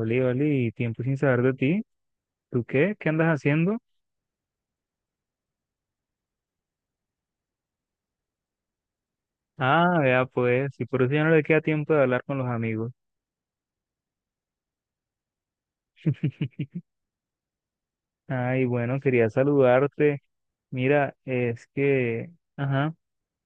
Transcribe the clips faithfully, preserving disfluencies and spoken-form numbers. Oli, Oli, tiempo sin saber de ti. ¿Tú qué? ¿Qué andas haciendo? Ah, vea pues, y por eso ya no le queda tiempo de hablar con los amigos. Ay, bueno, quería saludarte. Mira, es que, ajá,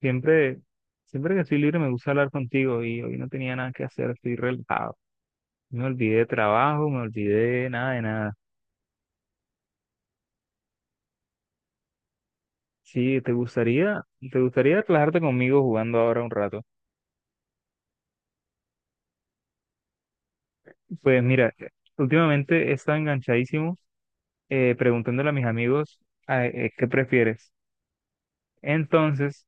siempre, siempre que estoy libre me gusta hablar contigo y hoy no tenía nada que hacer, estoy relajado. Me olvidé de trabajo, me olvidé de nada de nada. Sí, ¿te gustaría, te gustaría relajarte conmigo jugando ahora un rato? Pues mira, últimamente he estado enganchadísimo eh, preguntándole a mis amigos ah, eh, qué prefieres. Entonces,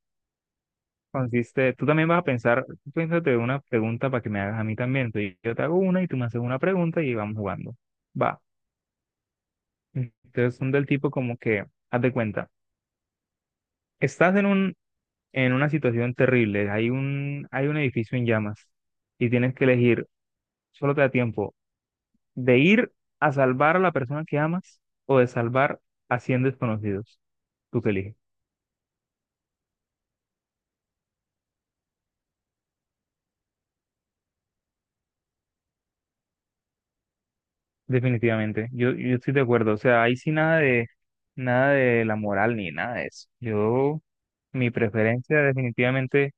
consiste, tú también vas a pensar, tú piénsate una pregunta para que me hagas a mí también. Entonces, yo te hago una y tú me haces una pregunta y vamos jugando. Va. Entonces, son del tipo como que, haz de cuenta, estás en un, en una situación terrible, hay un, hay un edificio en llamas y tienes que elegir, solo te da tiempo, de ir a salvar a la persona que amas o de salvar a cien desconocidos. ¿Tú que eliges? Definitivamente, yo, yo estoy de acuerdo, o sea, ahí sí nada de nada de la moral ni nada de eso. Yo, mi preferencia definitivamente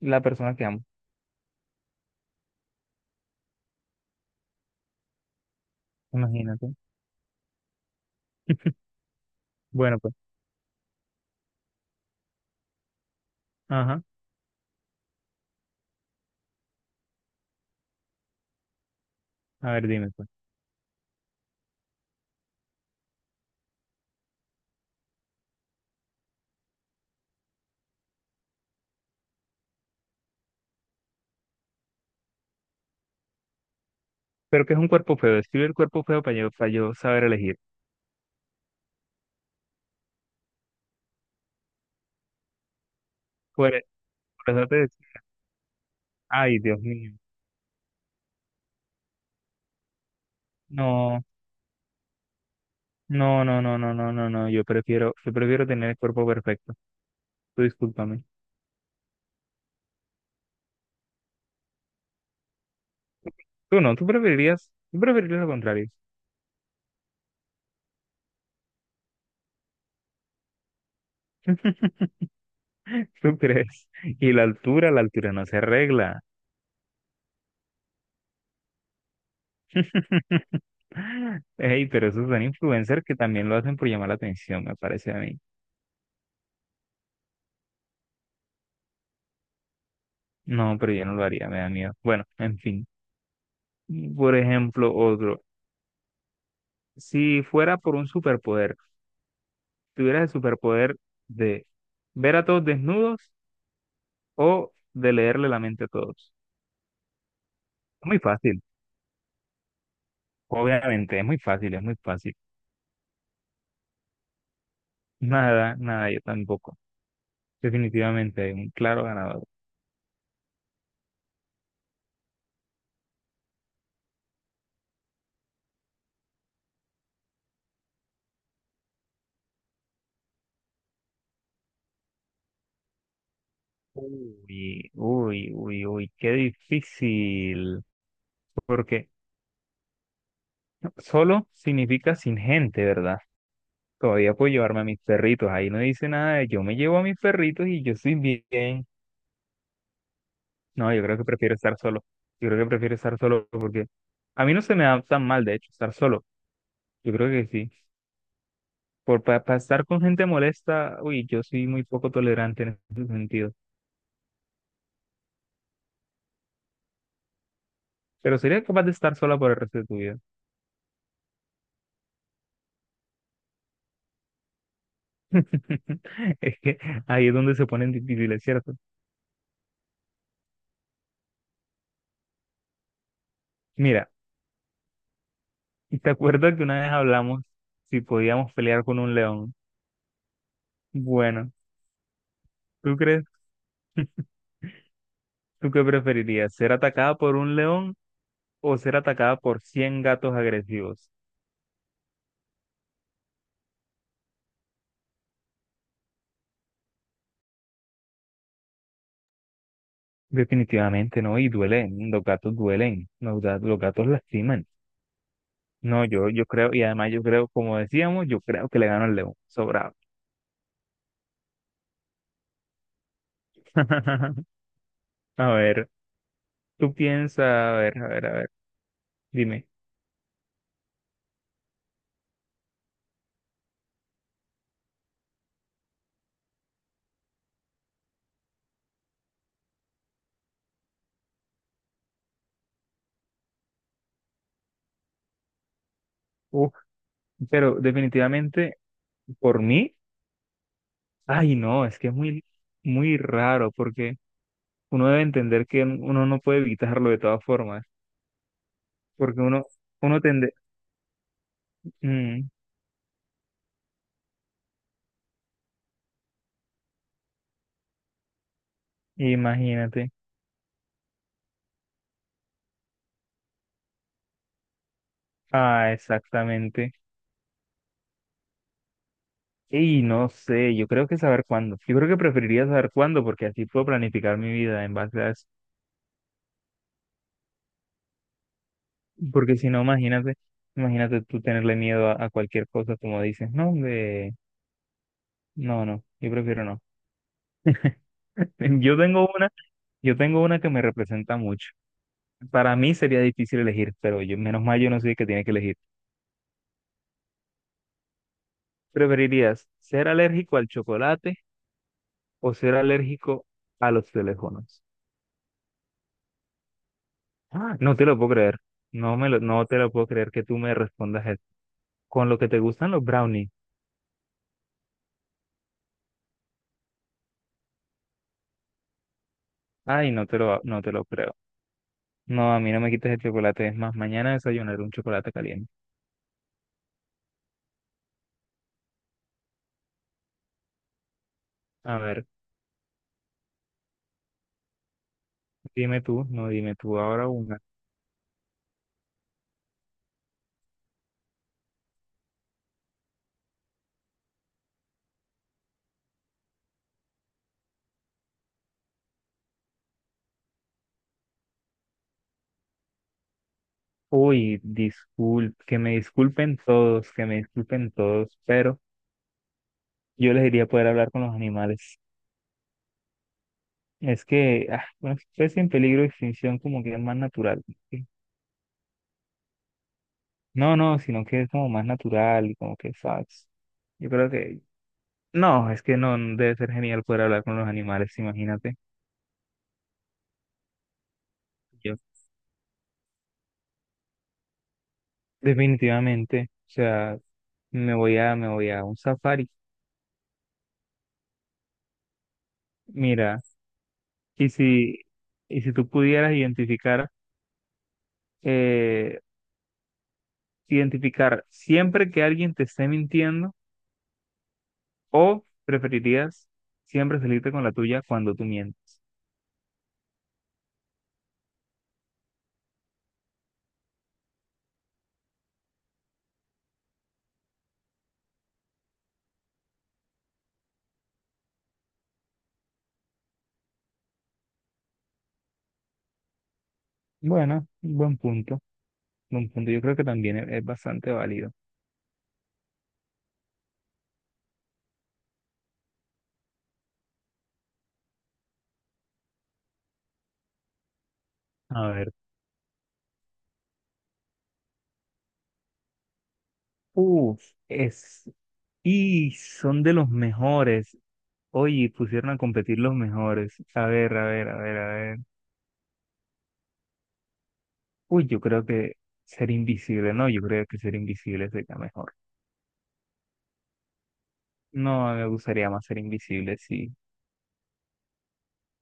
la persona que amo, imagínate. Bueno, pues, ajá, a ver, dime pues. Pero que es un cuerpo feo, escribe el cuerpo feo para yo, para yo, saber elegir. Por, por eso te decía, ay, Dios mío. No, no, no, no, no, no, no, no, yo prefiero, yo prefiero tener el cuerpo perfecto. Tú discúlpame. Tú no, tú preferirías, tú preferirías lo contrario. ¿Tú crees? Y la altura, la altura no se arregla. Ey, pero esos son influencers que también lo hacen por llamar la atención, me parece a mí. No, pero yo no lo haría, me da miedo. Bueno, en fin. Por ejemplo, otro. Si fuera por un superpoder, tuvieras el superpoder de ver a todos desnudos o de leerle la mente a todos. Muy fácil, obviamente, es muy fácil, es muy fácil. Nada, nada, yo tampoco. Definitivamente, un claro ganador. Uy, uy, uy, uy, qué difícil. Porque solo significa sin gente, ¿verdad? Todavía puedo llevarme a mis perritos. Ahí no dice nada de yo me llevo a mis perritos y yo estoy bien. No, yo creo que prefiero estar solo. Yo creo que prefiero estar solo porque a mí no se me da tan mal, de hecho, estar solo. Yo creo que sí. Por para estar con gente molesta, uy, yo soy muy poco tolerante en ese sentido. Pero sería capaz de estar sola por el resto de tu vida. Es que ahí es donde se ponen difíciles, ¿cierto? Mira, ¿te acuerdas que una vez hablamos si podíamos pelear con un león? Bueno, ¿tú crees, tú qué preferirías? ¿Ser atacada por un león o ser atacada por cien gatos agresivos? Definitivamente no, y duelen, los gatos duelen, los gatos, los gatos lastiman. No, yo, yo creo, y además yo creo, como decíamos, yo creo que le gano al león, sobrado. A ver, tú piensas, a ver, a ver, a ver, dime. Uf, pero definitivamente por mí, ay no, es que es muy, muy raro porque uno debe entender que uno no puede evitarlo de todas formas. Porque uno, uno tende, mm, imagínate, ah, exactamente. Y no sé, yo creo que saber cuándo. Yo creo que preferiría saber cuándo, porque así puedo planificar mi vida en base a eso. Porque si no, imagínate, imagínate, tú tenerle miedo a, a cualquier cosa, como dices, no, de, no, no, yo prefiero no. Yo tengo una, yo tengo una que me representa mucho. Para mí sería difícil elegir, pero yo, menos mal yo no soy el que tiene que elegir. ¿Preferirías ser alérgico al chocolate o ser alérgico a los teléfonos? Ah, no te lo puedo creer. No me lo, no te lo puedo creer que tú me respondas eso. Con lo que te gustan los brownies. Ay, no te lo, no te lo creo. No, a mí no me quites el chocolate. Es más, mañana desayunaré un chocolate caliente. A ver, dime tú, no dime tú ahora una. Uy, disculpe, que me disculpen todos, que me disculpen todos, pero yo les diría poder hablar con los animales. Es que ah, una especie en peligro de extinción como que es más natural. No, no, sino que es como más natural y como que, ¿sabes? Yo creo que, no, es que no, no debe ser genial poder hablar con los animales, imagínate. Yo definitivamente, o sea, me voy a, me voy a un safari. Mira, y si, y si tú pudieras identificar, eh, identificar siempre que alguien te esté mintiendo, o preferirías siempre salirte con la tuya cuando tú mientes. Bueno, buen punto, buen punto. Yo creo que también es es bastante válido. A ver. Uf, es, y son de los mejores. Oye, pusieron a competir los mejores. A ver, a ver, a ver, a ver. Uy, yo creo que ser invisible, no, yo creo que ser invisible sería mejor. No, me gustaría más ser invisible, sí.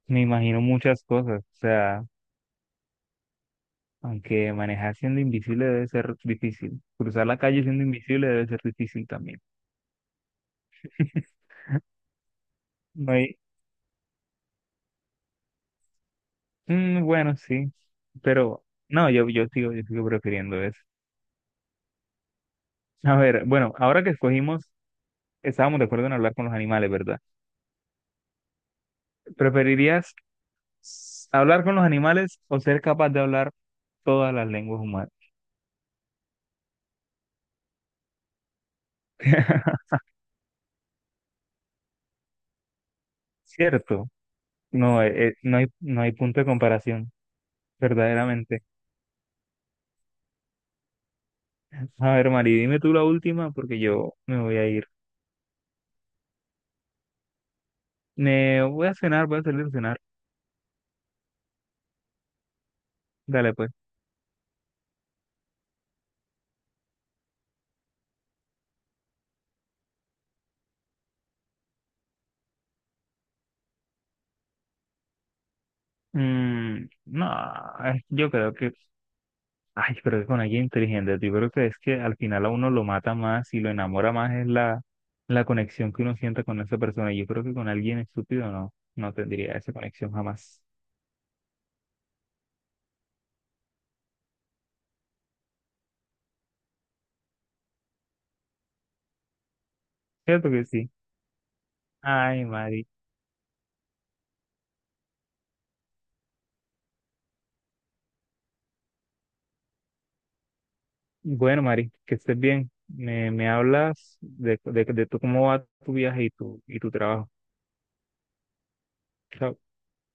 Me imagino muchas cosas, o sea, aunque manejar siendo invisible debe ser difícil. Cruzar la calle siendo invisible debe ser difícil también. No hay- mm, bueno, sí, pero no, yo, yo sigo, yo sigo prefiriendo eso. A ver, bueno, ahora que escogimos. Estábamos de acuerdo en hablar con los animales, ¿verdad? ¿Preferirías s- hablar con los animales o ser capaz de hablar todas las lenguas humanas? Cierto. No, eh, eh, no hay, no hay, punto de comparación, verdaderamente. A ver, Mari, dime tú la última porque yo me voy a ir. Me voy a cenar, voy a salir a cenar. Dale, pues. Mm, no, eh, yo creo que. Ay, pero es con alguien inteligente. Yo creo que es que al final a uno lo mata más y lo enamora más es la, la, conexión que uno siente con esa persona. Yo creo que con alguien estúpido no, no tendría esa conexión jamás. Cierto que sí. Ay, Mari. Bueno, Mari, que estés bien. Me, me hablas de, de, de, tú, cómo va tu viaje y tu, y tu trabajo. Chao.